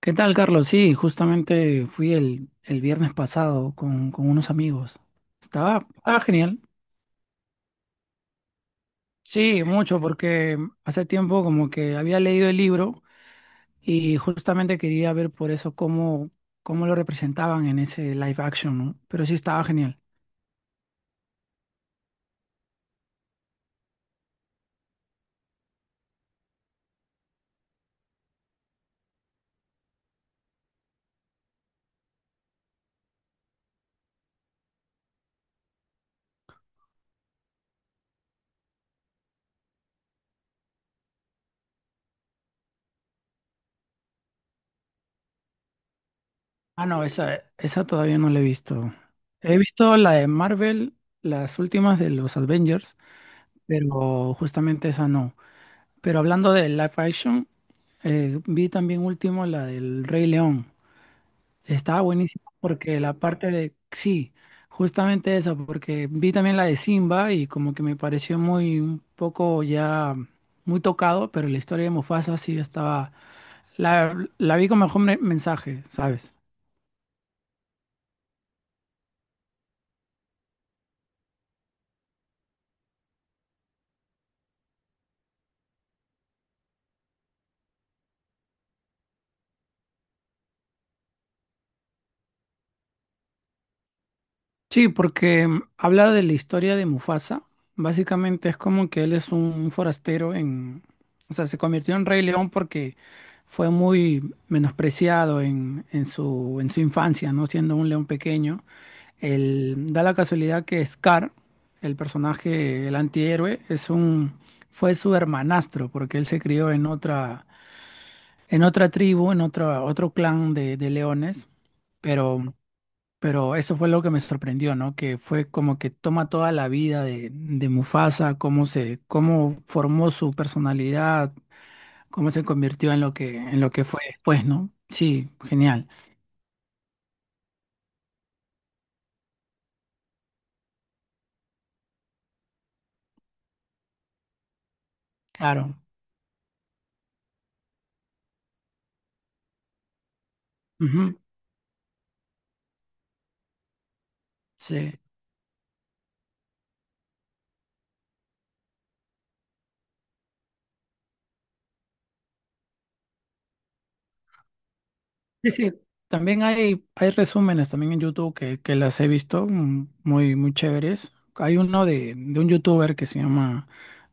¿Qué tal, Carlos? Sí, justamente fui el viernes pasado con unos amigos. Estaba genial. Sí, mucho, porque hace tiempo como que había leído el libro y justamente quería ver por eso cómo lo representaban en ese live action, ¿no? Pero sí estaba genial. Ah, no, esa todavía no la he visto. He visto la de Marvel, las últimas de los Avengers, pero justamente esa no. Pero hablando de live action, vi también último la del Rey León. Estaba buenísima porque la parte de... Sí, justamente esa, porque vi también la de Simba y como que me pareció muy un poco ya muy tocado, pero la historia de Mufasa sí estaba... La vi con mejor mensaje, ¿sabes? Sí, porque habla de la historia de Mufasa. Básicamente es como que él es un forastero en, o sea, se convirtió en Rey León porque fue muy menospreciado en su infancia, ¿no? Siendo un león pequeño. Él, da la casualidad que Scar, el personaje, el antihéroe, fue su hermanastro, porque él se crió en otra, tribu, otro clan de leones. Pero pero eso fue lo que me sorprendió, ¿no? Que fue como que toma toda la vida de Mufasa, cómo formó su personalidad, cómo se convirtió en lo que fue después, ¿no? Sí, genial. Claro. Ujú. Sí. Sí, sí. También hay resúmenes también en YouTube que las he visto muy, muy chéveres. Hay uno de un youtuber que se llama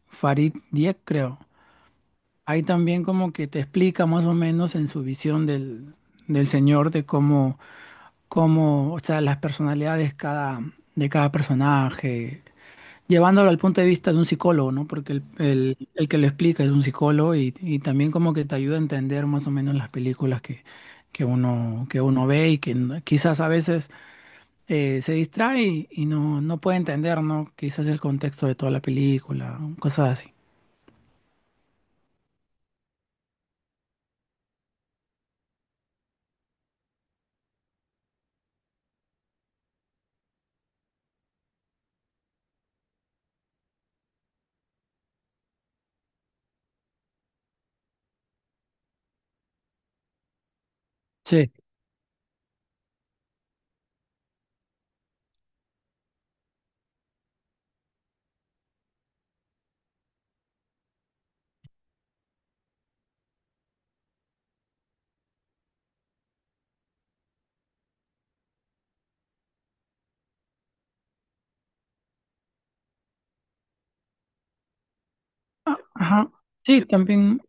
Farid Dieck, creo. Ahí también como que te explica más o menos en su visión del, señor de cómo, o sea, las personalidades de cada personaje, llevándolo al punto de vista de un psicólogo, ¿no? Porque el que lo explica es un psicólogo y también como que te ayuda a entender más o menos las películas que uno ve y que quizás a veces se distrae y no puede entender, ¿no? Quizás el contexto de toda la película, cosas así. Sí. Ah. Ajá. Sí, también.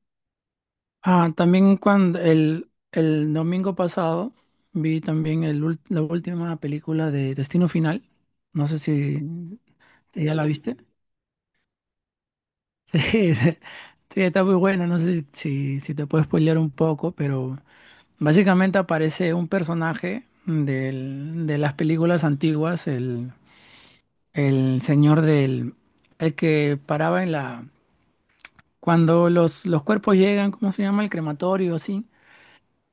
Ah, también cuando el domingo pasado vi también la última película de Destino Final. No sé si ya la viste. Sí, sí, sí, está muy buena. No sé si te puedo spoilear un poco, pero básicamente aparece un personaje de las películas antiguas, el señor el que paraba en la, cuando los cuerpos llegan, ¿cómo se llama? El crematorio, así.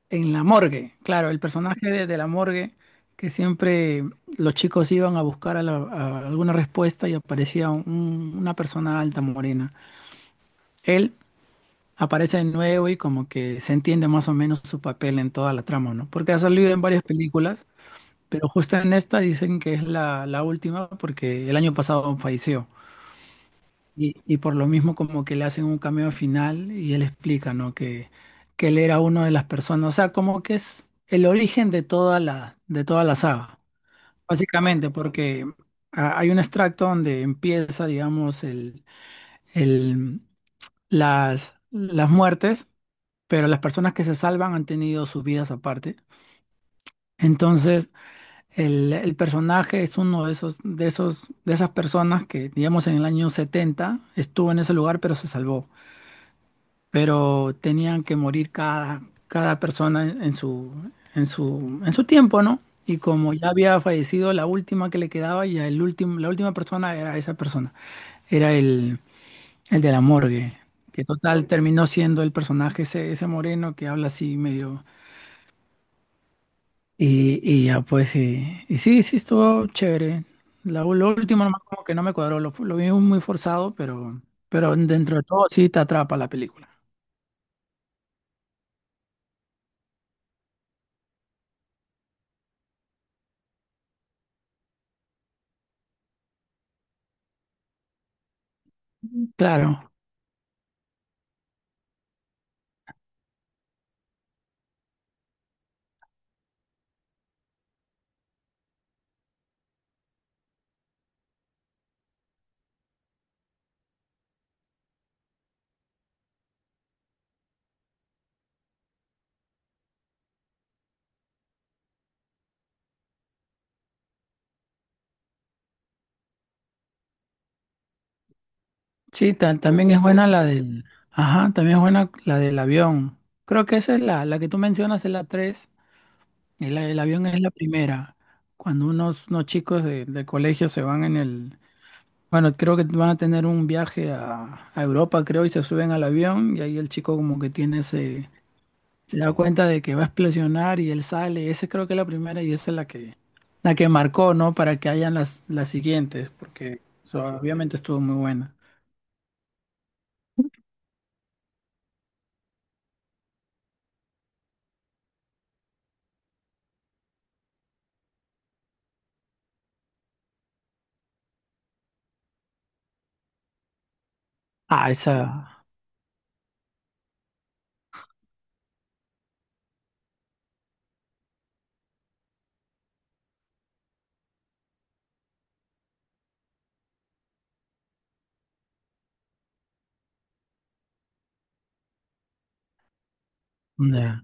En la morgue, claro, el personaje de la morgue, que siempre los chicos iban a buscar a a alguna respuesta y aparecía una persona alta morena. Él aparece de nuevo y como que se entiende más o menos su papel en toda la trama, ¿no? Porque ha salido en varias películas, pero justo en esta dicen que es la última porque el año pasado falleció. Y por lo mismo como que le hacen un cameo final y él explica, ¿no? Que él era uno de las personas, o sea, como que es el origen de de toda la saga, básicamente, porque hay un extracto donde empieza, digamos, el, las muertes, pero las personas que se salvan han tenido sus vidas aparte. Entonces, el personaje es uno de esos, de esas personas que, digamos, en el año 70 estuvo en ese lugar, pero se salvó. Pero tenían que morir cada persona en su tiempo, ¿no? Y como ya había fallecido la última que le quedaba, ya la última persona era esa persona, era el de la morgue, que total terminó siendo el personaje ese, moreno que habla así medio... Y ya pues, y sí, sí, estuvo chévere. Lo último nomás como que no me cuadró, lo vi muy forzado, pero dentro de todo sí te atrapa la película. Claro. Sí, también es buena la del... Ajá, también es buena la del avión. Creo que esa es la que tú mencionas, es la 3. El avión es la primera. Cuando unos chicos de colegio se van en el... Bueno, creo que van a tener un viaje a Europa, creo, y se suben al avión y ahí el chico como que tiene ese... Se da cuenta de que va a explosionar y él sale. Esa creo que es la primera y esa es la que marcó, ¿no? Para que hayan las siguientes, porque o sea, obviamente estuvo muy buena. Ah, esa... ya.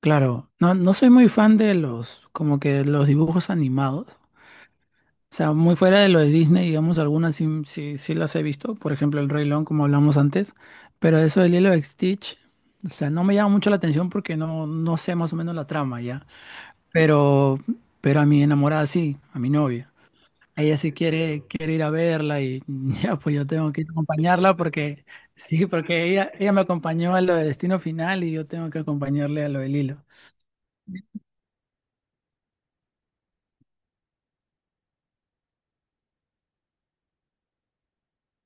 Claro, no, no soy muy fan de como que los dibujos animados. O sea, muy fuera de lo de Disney, digamos, algunas sí, sí, sí las he visto. Por ejemplo, El Rey León, como hablamos antes. Pero eso del Lilo de Stitch, o sea, no me llama mucho la atención porque no, no sé más o menos la trama ya. Pero, pero a mi enamorada sí, a mi novia. Ella sí quiere ir a verla y ya, pues yo tengo que ir a acompañarla porque, sí, porque ella me acompañó a lo de Destino Final y yo tengo que acompañarle a lo de Lilo.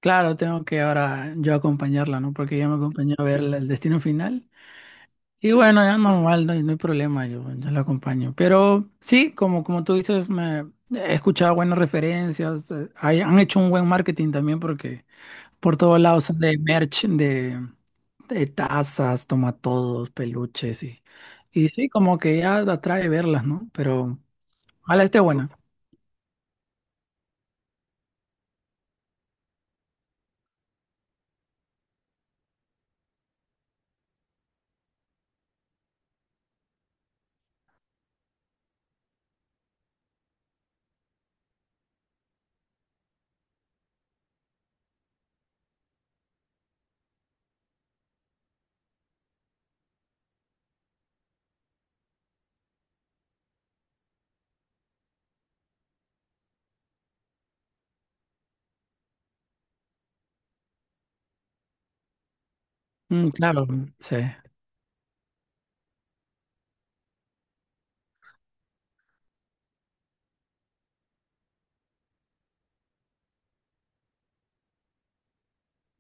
Claro, tengo que ahora yo acompañarla, ¿no? Porque ella me acompañó a ver el destino final. Y bueno, ya normal, no, no hay problema, yo la acompaño. Pero sí, como, tú dices, me he escuchado buenas referencias, han hecho un buen marketing también porque por todos lados sale merch de tazas, tomatodos, peluches y sí, como que ya atrae verlas, ¿no? Pero ojalá esté buena. Mm, claro, sí.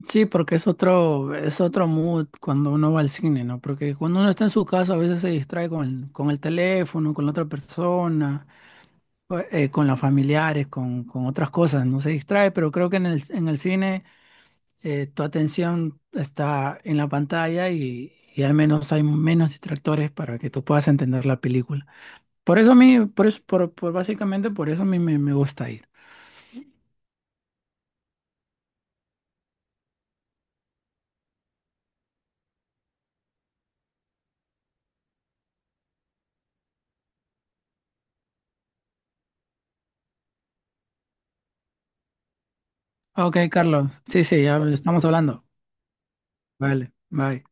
Sí, porque es otro, mood cuando uno va al cine, ¿no? Porque cuando uno está en su casa a veces se distrae con el, teléfono, con la otra persona, o, con los familiares, con, otras cosas, no se distrae, pero creo que en el cine tu atención está en la pantalla y al menos hay menos distractores para que tú puedas entender la película. Por eso a mí, por eso, por básicamente por eso a mí me gusta ir. Ok, Carlos. Sí, sí, ya estamos hablando. Vale, bye.